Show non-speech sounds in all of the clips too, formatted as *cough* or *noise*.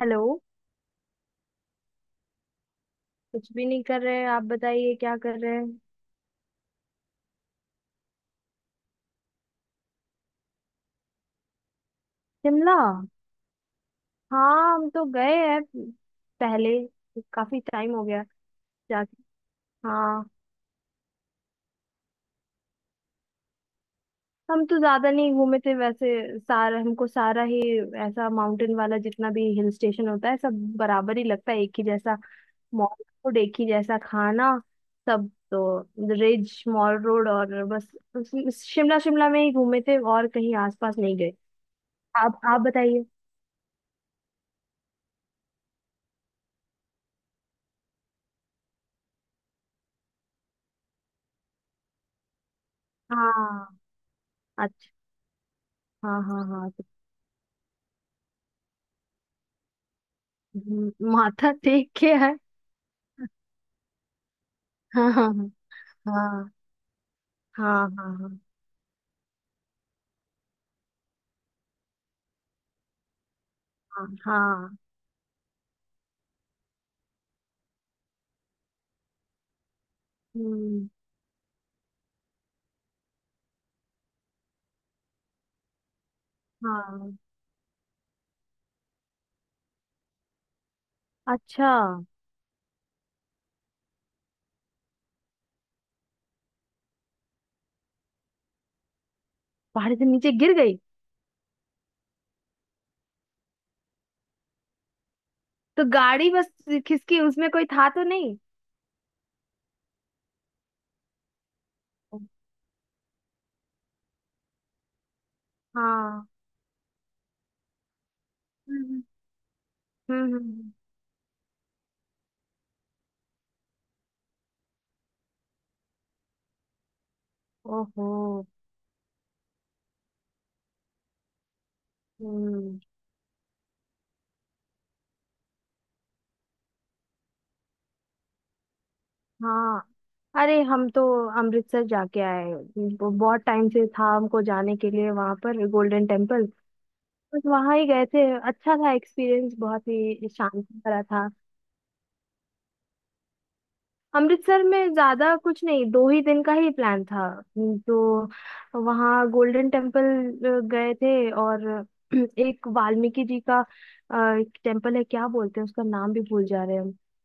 Hello. कुछ भी नहीं कर रहे। आप बताइए क्या कर रहे हैं। शिमला। हाँ, हम तो गए हैं पहले। काफी टाइम हो गया जाके। हाँ। हम तो ज्यादा नहीं घूमे थे वैसे। सारा हमको सारा ही ऐसा माउंटेन वाला, जितना भी हिल स्टेशन होता है सब बराबर ही लगता है, एक ही जैसा। मॉल रोड एक ही जैसा, खाना सब तो। रिज, मॉल रोड और बस। उस- शिमला शिमला में ही घूमे थे और कहीं आसपास नहीं गए। आप बताइए। हाँ। अच्छा। हाँ हाँ हाँ। माथा टेक के है। हाँ हाँ हाँ हाँ हाँ हाँ हाँ हाँ, हम्म। हाँ। अच्छा। पहाड़ी से नीचे गिर गई? तो गाड़ी बस खिसकी, उसमें कोई था तो नहीं? हाँ। हम्म हम्म हम्म, हम्म, हम्म। ओहो। हम्म। हाँ। अरे हम तो अमृतसर जाके आए। वो बहुत टाइम से था हमको जाने के लिए, वहां पर गोल्डन टेम्पल। बस वहां ही गए थे। अच्छा था एक्सपीरियंस, बहुत ही शांति भरा था। अमृतसर में ज्यादा कुछ नहीं, दो ही दिन का ही प्लान था। तो वहाँ गोल्डन टेम्पल गए थे, और *clears throat* एक वाल्मीकि जी का टेम्पल है, क्या बोलते हैं उसका नाम, भी भूल जा रहे हैं हम।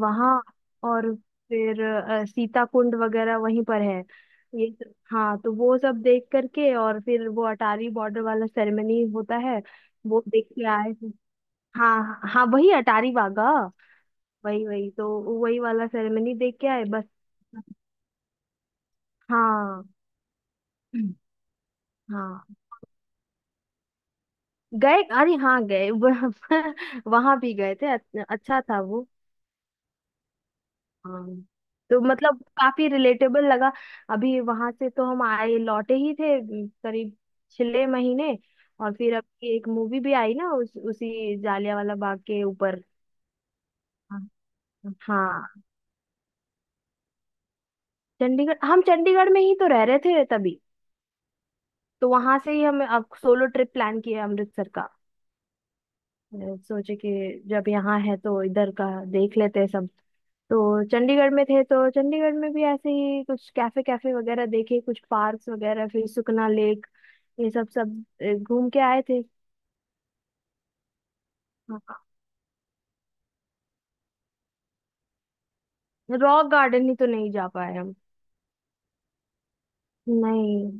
वहाँ और फिर सीता कुंड वगैरह वहीं पर है। हाँ, तो वो सब देख करके, और फिर वो अटारी बॉर्डर वाला सेरेमनी होता है, वो देख के आए थे। हाँ हाँ, वही अटारी वाघा। वही वही तो। वही वाला सेरेमनी देख के आए बस। हाँ हाँ। गए, अरे हाँ गए। *laughs* वहां भी गए थे। अच्छा था वो। हाँ। तो मतलब काफी रिलेटेबल लगा। अभी वहां से तो हम आए लौटे ही थे करीब 6 महीने। और फिर अभी एक मूवी भी आई ना, उसी जालियांवाला बाग के ऊपर। हाँ। हाँ। चंडीगढ़, हम चंडीगढ़ में ही तो रह रहे थे तभी। तो वहां से ही हम अब सोलो ट्रिप प्लान किया अमृतसर का। मैं सोचे कि जब यहाँ है तो इधर का देख लेते हैं सब। तो चंडीगढ़ में थे तो चंडीगढ़ में भी ऐसे ही कुछ कैफे कैफे वगैरह देखे, कुछ पार्क्स वगैरह, फिर सुखना लेक, ये सब सब घूम के आए थे। हाँ, रॉक गार्डन ही तो नहीं जा पाए हम। नहीं।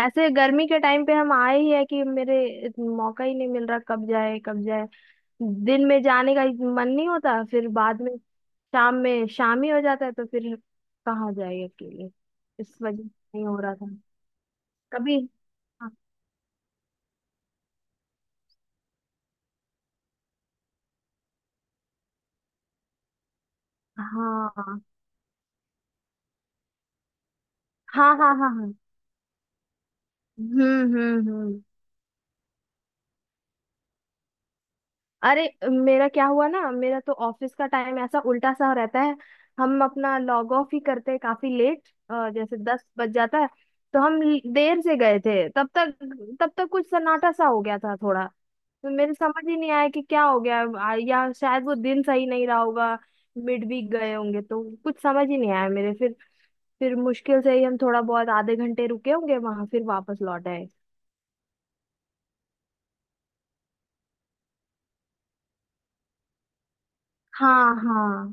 ऐसे गर्मी के टाइम पे हम आए ही है कि, मेरे मौका ही नहीं मिल रहा, कब जाए कब जाए। दिन में जाने का मन नहीं होता, फिर बाद में शाम ही हो जाता है, तो फिर कहाँ जाए अकेले? इस वजह से नहीं हो रहा था कभी। हाँ हाँ हाँ हाँ हाँ हाँ। हम्म। अरे मेरा क्या हुआ ना, मेरा तो ऑफिस का टाइम ऐसा उल्टा सा रहता है। हम अपना लॉग ऑफ ही करते हैं काफी लेट, जैसे 10 बज जाता है। तो हम देर से गए थे, तब तक कुछ सन्नाटा सा हो गया था थोड़ा। तो मेरे समझ ही नहीं आया कि क्या हो गया। या शायद वो दिन सही नहीं रहा होगा। मिड वीक गए होंगे तो कुछ समझ ही नहीं आया मेरे। फिर मुश्किल से ही हम थोड़ा बहुत आधे घंटे रुके होंगे वहां, फिर वापस लौट आए। हाँ हाँ।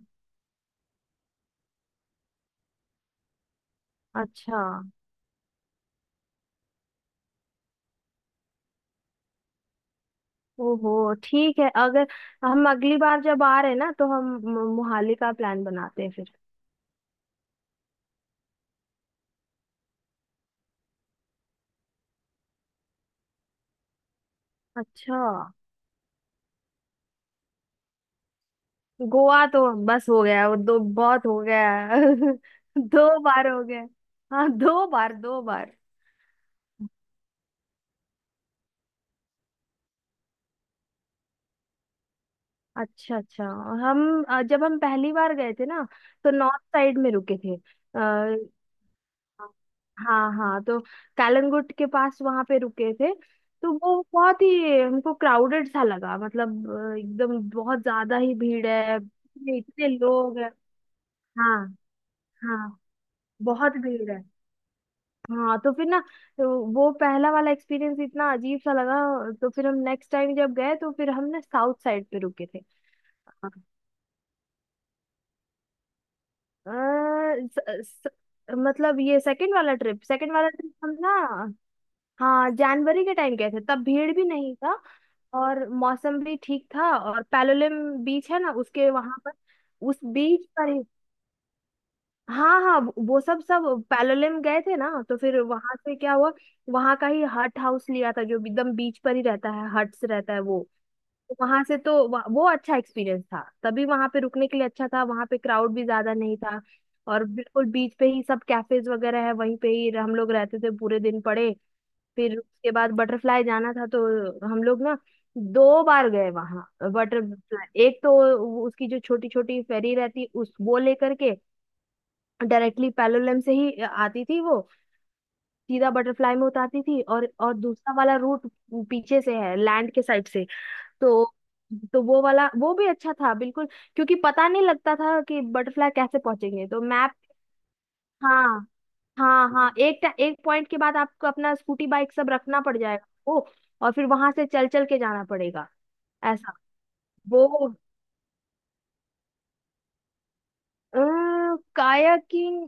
अच्छा। ओहो, ठीक है। अगर हम अगली बार जब आ रहे हैं ना, तो हम मोहाली का प्लान बनाते हैं फिर। अच्छा। गोवा तो बस हो गया वो, दो बहुत हो गया। *laughs* दो बार हो गया। हाँ, दो बार दो बार। अच्छा। अच्छा। हम जब हम पहली बार गए थे ना तो नॉर्थ साइड में रुके थे। आ, हाँ हाँ। तो कालनगुट के पास वहां पे रुके थे। तो वो बहुत ही हमको क्राउडेड सा लगा, मतलब एकदम बहुत ज्यादा ही भीड़ है, इतने इतने लोग हैं। हाँ हाँ, बहुत भीड़ है। हाँ तो फिर ना, तो वो पहला वाला एक्सपीरियंस इतना अजीब सा लगा। तो फिर हम नेक्स्ट टाइम जब गए तो फिर हम ना साउथ साइड पे रुके थे। अ, स, स, मतलब ये सेकंड वाला ट्रिप, सेकंड वाला ट्रिप हम ना। हाँ, जनवरी के टाइम गए थे, तब भीड़ भी नहीं था और मौसम भी ठीक था। और पैलोलिम बीच है ना उसके वहां पर, उस बीच पर ही। हाँ हाँ। वो सब सब पैलोलिम गए थे ना, तो फिर वहां से क्या हुआ, वहां का ही हट हाउस लिया था जो एकदम बीच पर ही रहता है, हट्स रहता है वो। वहां से तो वो अच्छा एक्सपीरियंस था, तभी वहां पे रुकने के लिए अच्छा था, वहां पे क्राउड भी ज्यादा नहीं था। और बिल्कुल बीच पे ही सब कैफेज वगैरह है, वहीं पे ही हम लोग रहते थे पूरे दिन पड़े। फिर उसके बाद बटरफ्लाई जाना था, तो हम लोग ना दो बार गए वहां बटरफ्लाई। एक तो उसकी जो छोटी छोटी फेरी रहती, उस वो लेकर के डायरेक्टली पैलोलम से ही आती थी वो, सीधा बटरफ्लाई में उतारती थी। और दूसरा वाला रूट पीछे से है, लैंड के साइड से तो। तो वो वाला, वो भी अच्छा था बिल्कुल। क्योंकि पता नहीं लगता था कि बटरफ्लाई कैसे पहुंचेंगे, तो मैप। हाँ हाँ हाँ। एक पॉइंट के बाद आपको अपना स्कूटी बाइक सब रखना पड़ जाएगा वो। और फिर वहां से चल चल के जाना पड़ेगा। ऐसा वो कायाकिंग।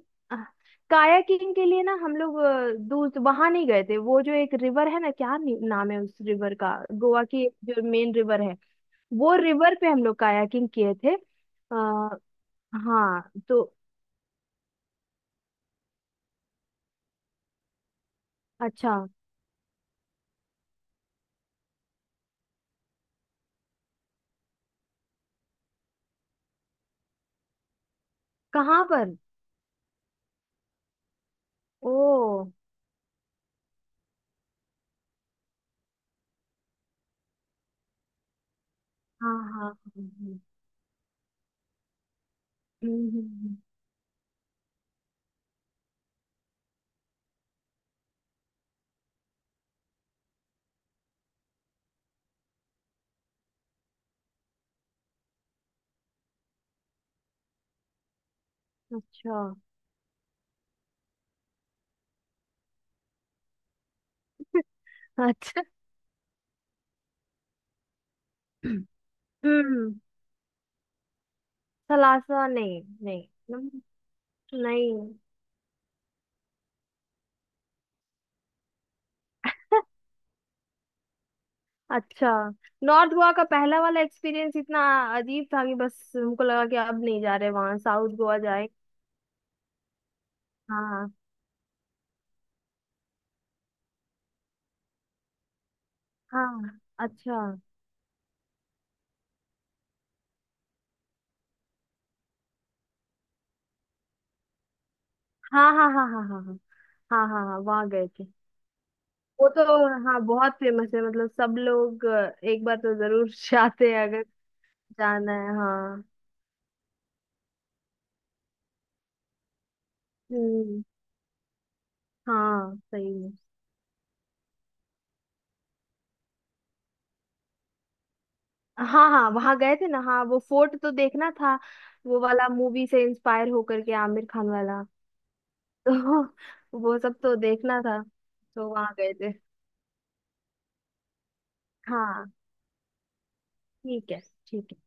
कायाकिंग के लिए ना, हम लोग दूर वहां नहीं गए थे, वो जो एक रिवर है ना, क्या नाम है उस रिवर का, गोवा की जो मेन रिवर है, वो रिवर पे हम लोग कायाकिंग किए थे। हाँ तो। अच्छा। कहाँ पर? ओ। हाँ हाँ हाँ, हाँ। हम्म। अच्छा। अच्छा। हम्म। सलासा, नहीं नहीं। हम्म, नहीं। अच्छा। नॉर्थ गोवा का पहला वाला एक्सपीरियंस इतना अजीब था कि बस हमको लगा कि अब नहीं जा रहे वहां, साउथ गोवा जाए। हाँ हाँ। अच्छा। हाँ हाँ हाँ हाँ हाँ हाँ। हाँ हाँ हाँ, वहाँ गए थे। वो तो हाँ, बहुत फेमस है, मतलब सब लोग एक बार तो जरूर *laughs* जाते हैं, अगर जाना है। हाँ। हम्म। हाँ, सही में। हाँ हाँ, वहां गए थे ना। हाँ, वो फोर्ट तो देखना था, वो वाला मूवी से इंस्पायर होकर के, आमिर खान वाला। *laughs* तो वो सब तो देखना था, तो वहां गए थे। हाँ ठीक है। ठीक है।